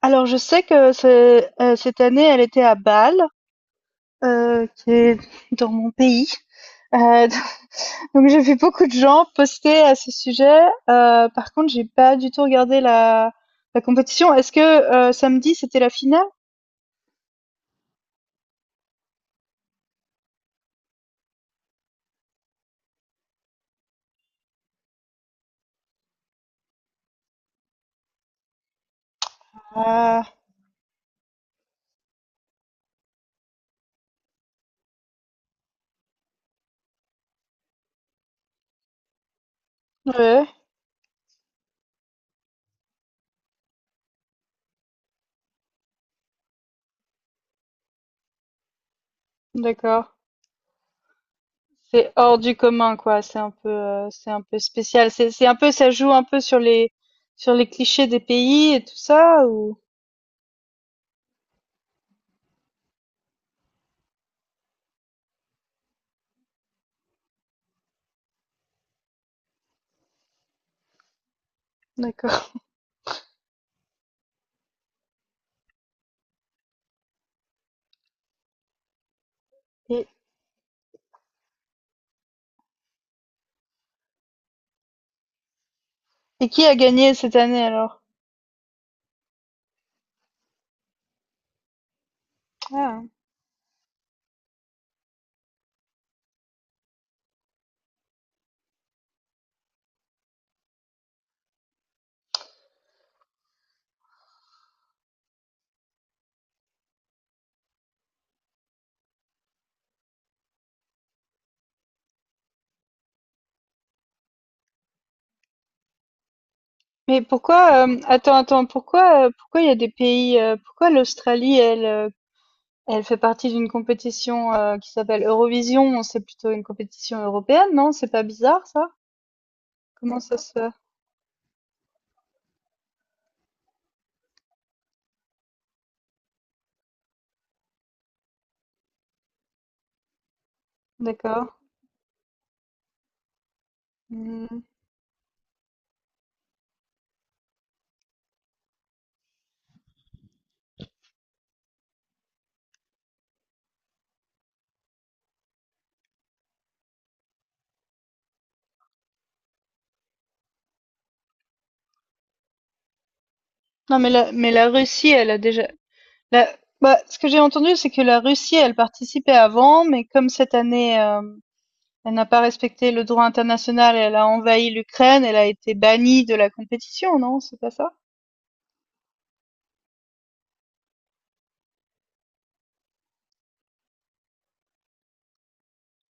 Alors je sais que cette année, elle était à Bâle, qui est dans mon pays. Heu, donc j'ai vu beaucoup de gens poster à ce sujet. Par contre, j'ai pas du tout regardé la compétition. Est-ce que, samedi, c'était la finale? Ah, ouais, d'accord. C'est hors du commun, quoi. C'est un peu spécial. C'est un peu ça joue un peu sur les clichés des pays et tout ça ou? D'accord. Et et qui a gagné cette année alors? Ah. Mais pourquoi, attends, attends, pourquoi, pourquoi il y a des pays, pourquoi l'Australie, elle, elle fait partie d'une compétition qui s'appelle Eurovision, c'est plutôt une compétition européenne, non? C'est pas bizarre ça? Comment ça se fait? D'accord. Hmm. Non, mais la Russie, elle a déjà. La, bah, ce que j'ai entendu, c'est que la Russie, elle participait avant, mais comme cette année, elle n'a pas respecté le droit international, elle a envahi l'Ukraine, elle a été bannie de la compétition, non? C'est pas ça?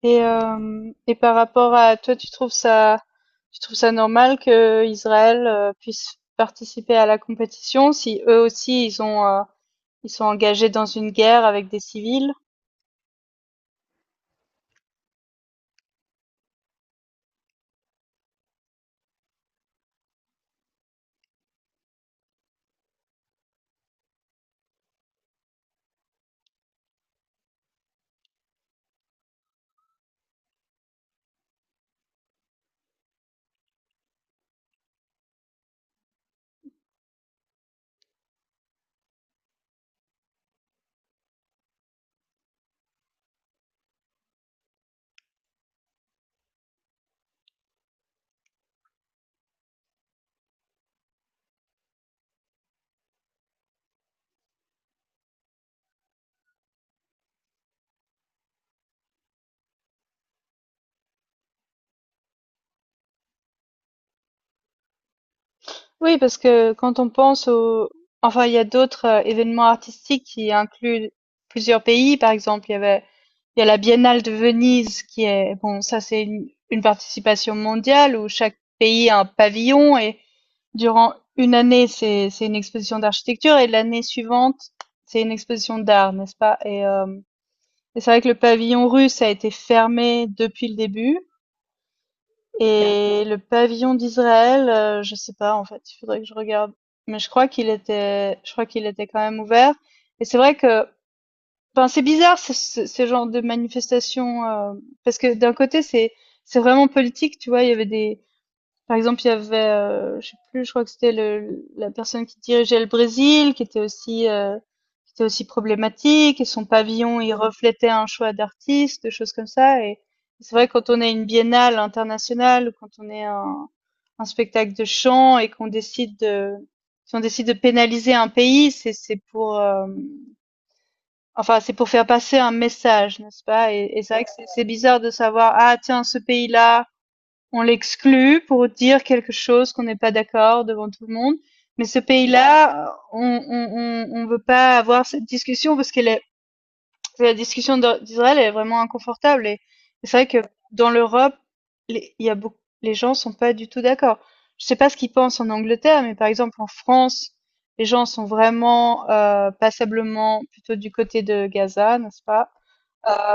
Et par rapport à toi, tu trouves ça normal que Israël puisse participer à la compétition si eux aussi ils sont engagés dans une guerre avec des civils? Oui, parce que quand on pense au. Enfin, il y a d'autres événements artistiques qui incluent plusieurs pays. Par exemple, il y a la Biennale de Venise Bon, ça, c'est une participation mondiale où chaque pays a un pavillon et durant une année, c'est une exposition d'architecture et l'année suivante, c'est une exposition d'art, n'est-ce pas? Et c'est vrai que le pavillon russe a été fermé depuis le début. Et le pavillon d'Israël, je sais pas en fait, il faudrait que je regarde. Mais je crois qu'il était quand même ouvert. Et c'est vrai que, enfin, c'est bizarre ce genre de manifestation parce que d'un côté c'est vraiment politique, tu vois, il y avait des par exemple, il y avait, je sais plus, je crois que c'était le la personne qui dirigeait le Brésil, qui était aussi problématique et son pavillon, il reflétait un choix d'artiste, des choses comme ça et c'est vrai quand on est une biennale internationale ou quand on est un spectacle de chant et qu'on décide de si on décide de pénaliser un pays, enfin, c'est pour faire passer un message, n'est-ce pas? Et c'est vrai que c'est bizarre de savoir: «Ah tiens, ce pays-là» on l'exclut pour dire quelque chose qu'on n'est pas d'accord devant tout le monde. Mais ce pays-là, on, on veut pas avoir cette discussion parce que la discussion d'Israël est vraiment inconfortable. Et c'est vrai que dans l'Europe, il y a beaucoup, les gens sont pas du tout d'accord. Je sais pas ce qu'ils pensent en Angleterre, mais par exemple en France, les gens sont vraiment passablement plutôt du côté de Gaza, n'est-ce pas?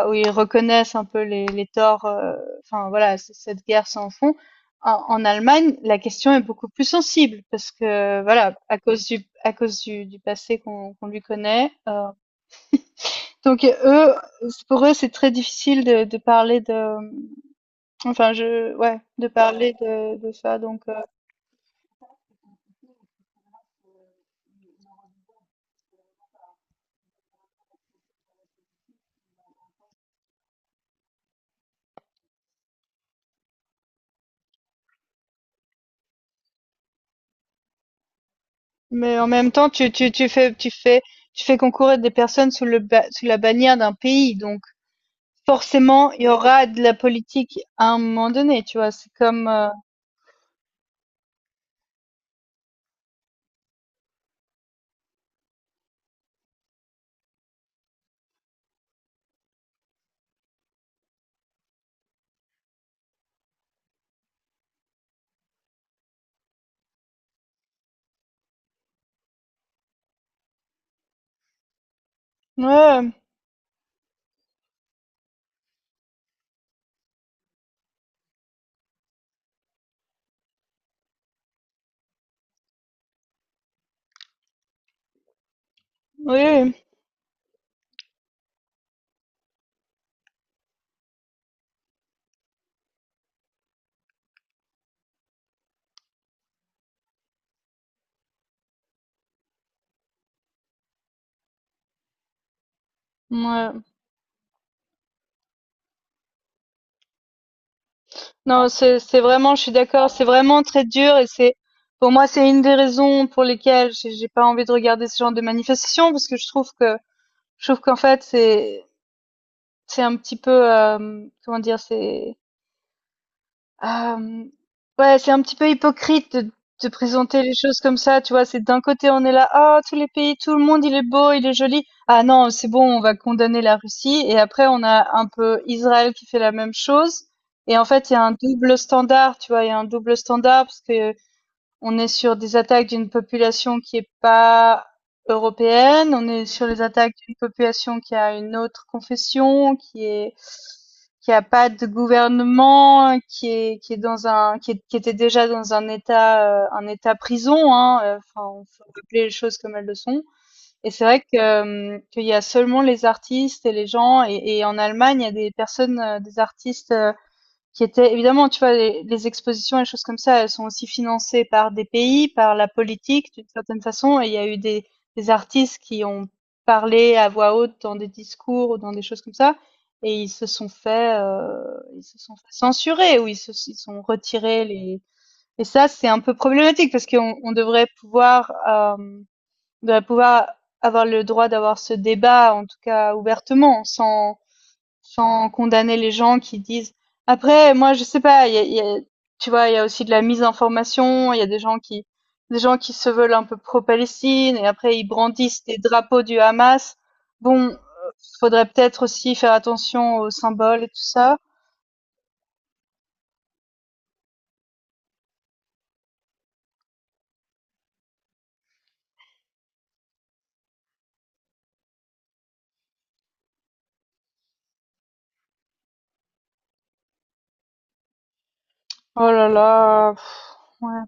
Où ils reconnaissent un peu les torts, enfin voilà, cette guerre sans fond. En Allemagne, la question est beaucoup plus sensible parce que voilà, à cause du du passé qu'on lui connaît. Donc eux, pour eux, c'est très difficile de parler de, enfin je, ouais, de, parler de ça. Donc. Mais en même temps, tu fais concourir des personnes sous la bannière d'un pays, donc forcément, il y aura de la politique à un moment donné, tu vois. C'est comme, ouais, oui, oui. Ouais. Non, c'est vraiment, je suis d'accord, c'est vraiment très dur et c'est pour moi c'est une des raisons pour lesquelles j'ai pas envie de regarder ce genre de manifestation parce que je trouve qu'en fait c'est un petit peu comment dire Hem, ouais, c'est un petit peu hypocrite de présenter les choses comme ça, tu vois? C'est d'un côté, on est là: «Ah, tous les pays, tout le monde, il est beau, il est joli. Ah non, c'est bon, on va condamner la Russie» et après on a un peu Israël qui fait la même chose et en fait, il y a un double standard, tu vois? Il y a un double standard parce que on est sur des attaques d'une population qui est pas européenne, on est sur les attaques d'une population qui a une autre confession, qui a pas de gouvernement, qui était déjà dans un état prison, hein. Enfin, faut rappeler les choses comme elles le sont. Et c'est vrai que qu'il y a seulement les artistes et les gens et en Allemagne il y a des personnes, des artistes qui étaient évidemment, tu vois, les expositions et les choses comme ça, elles sont aussi financées par des pays, par la politique d'une certaine façon. Et il y a eu des artistes qui ont parlé à voix haute dans des discours ou dans des choses comme ça, et ils se sont fait, ils se sont fait censurer ou ils sont retirés les. Et ça, c'est un peu problématique parce qu'on devrait pouvoir avoir le droit d'avoir ce débat, en tout cas ouvertement, sans condamner les gens qui disent. Après, moi, je sais pas, tu vois, il y a aussi de la misinformation, il y a des gens qui se veulent un peu pro-Palestine et après ils brandissent des drapeaux du Hamas. Bon, faudrait peut-être aussi faire attention aux symboles et tout ça. Oh là là, ouais.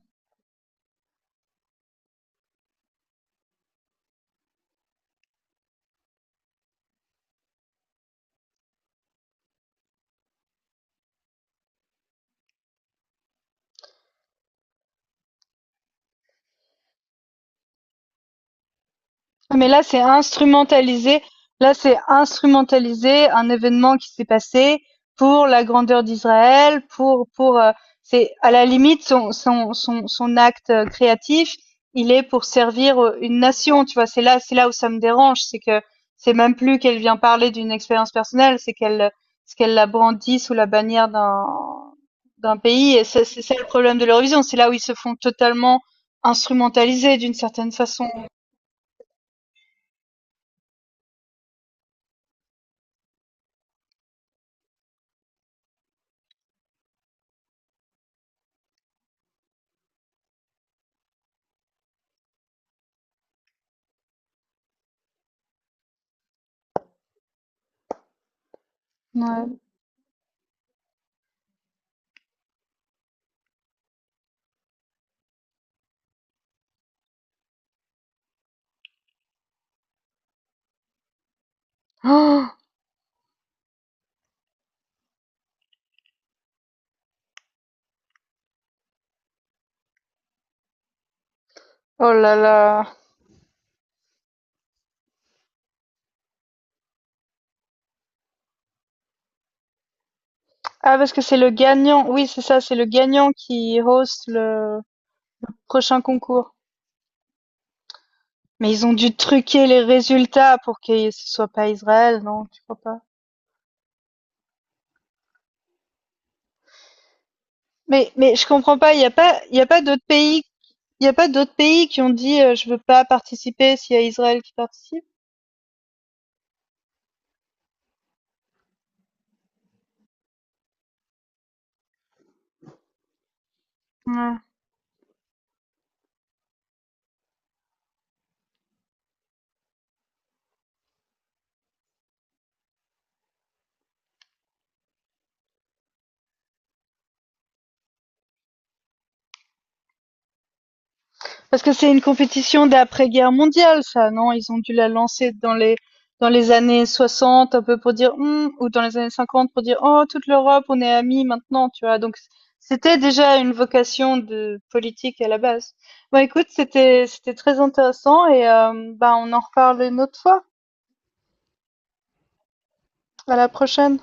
Ah, mais là, c'est instrumentalisé. Là, c'est instrumentalisé un événement qui s'est passé pour la grandeur d'Israël, pour c'est à la limite son acte créatif, il est pour servir une nation, tu vois. C'est là où ça me dérange, c'est que c'est même plus qu'elle vient parler d'une expérience personnelle, c'est qu'elle la brandit sous la bannière d'un pays et ça, c'est ça le problème de l'Eurovision, c'est là où ils se font totalement instrumentaliser d'une certaine façon. Ouais. Oh là là. Ah, parce que c'est le gagnant. Oui, c'est ça, c'est le gagnant qui host le prochain concours. Mais ils ont dû truquer les résultats pour que ce soit pas Israël, non, tu crois pas? Mais je comprends pas, il y a pas d'autres pays qui ont dit je veux pas participer s'il y a Israël qui participe. Ouais. Parce que c'est une compétition d'après-guerre mondiale, ça, non? Ils ont dû la lancer dans les années 60, un peu pour dire, ou dans les années 50 pour dire, oh, toute l'Europe, on est amis maintenant, tu vois. Donc, c'était déjà une vocation de politique à la base. Bon, écoute, c'était très intéressant et, bah, on en reparle une autre fois. À la prochaine.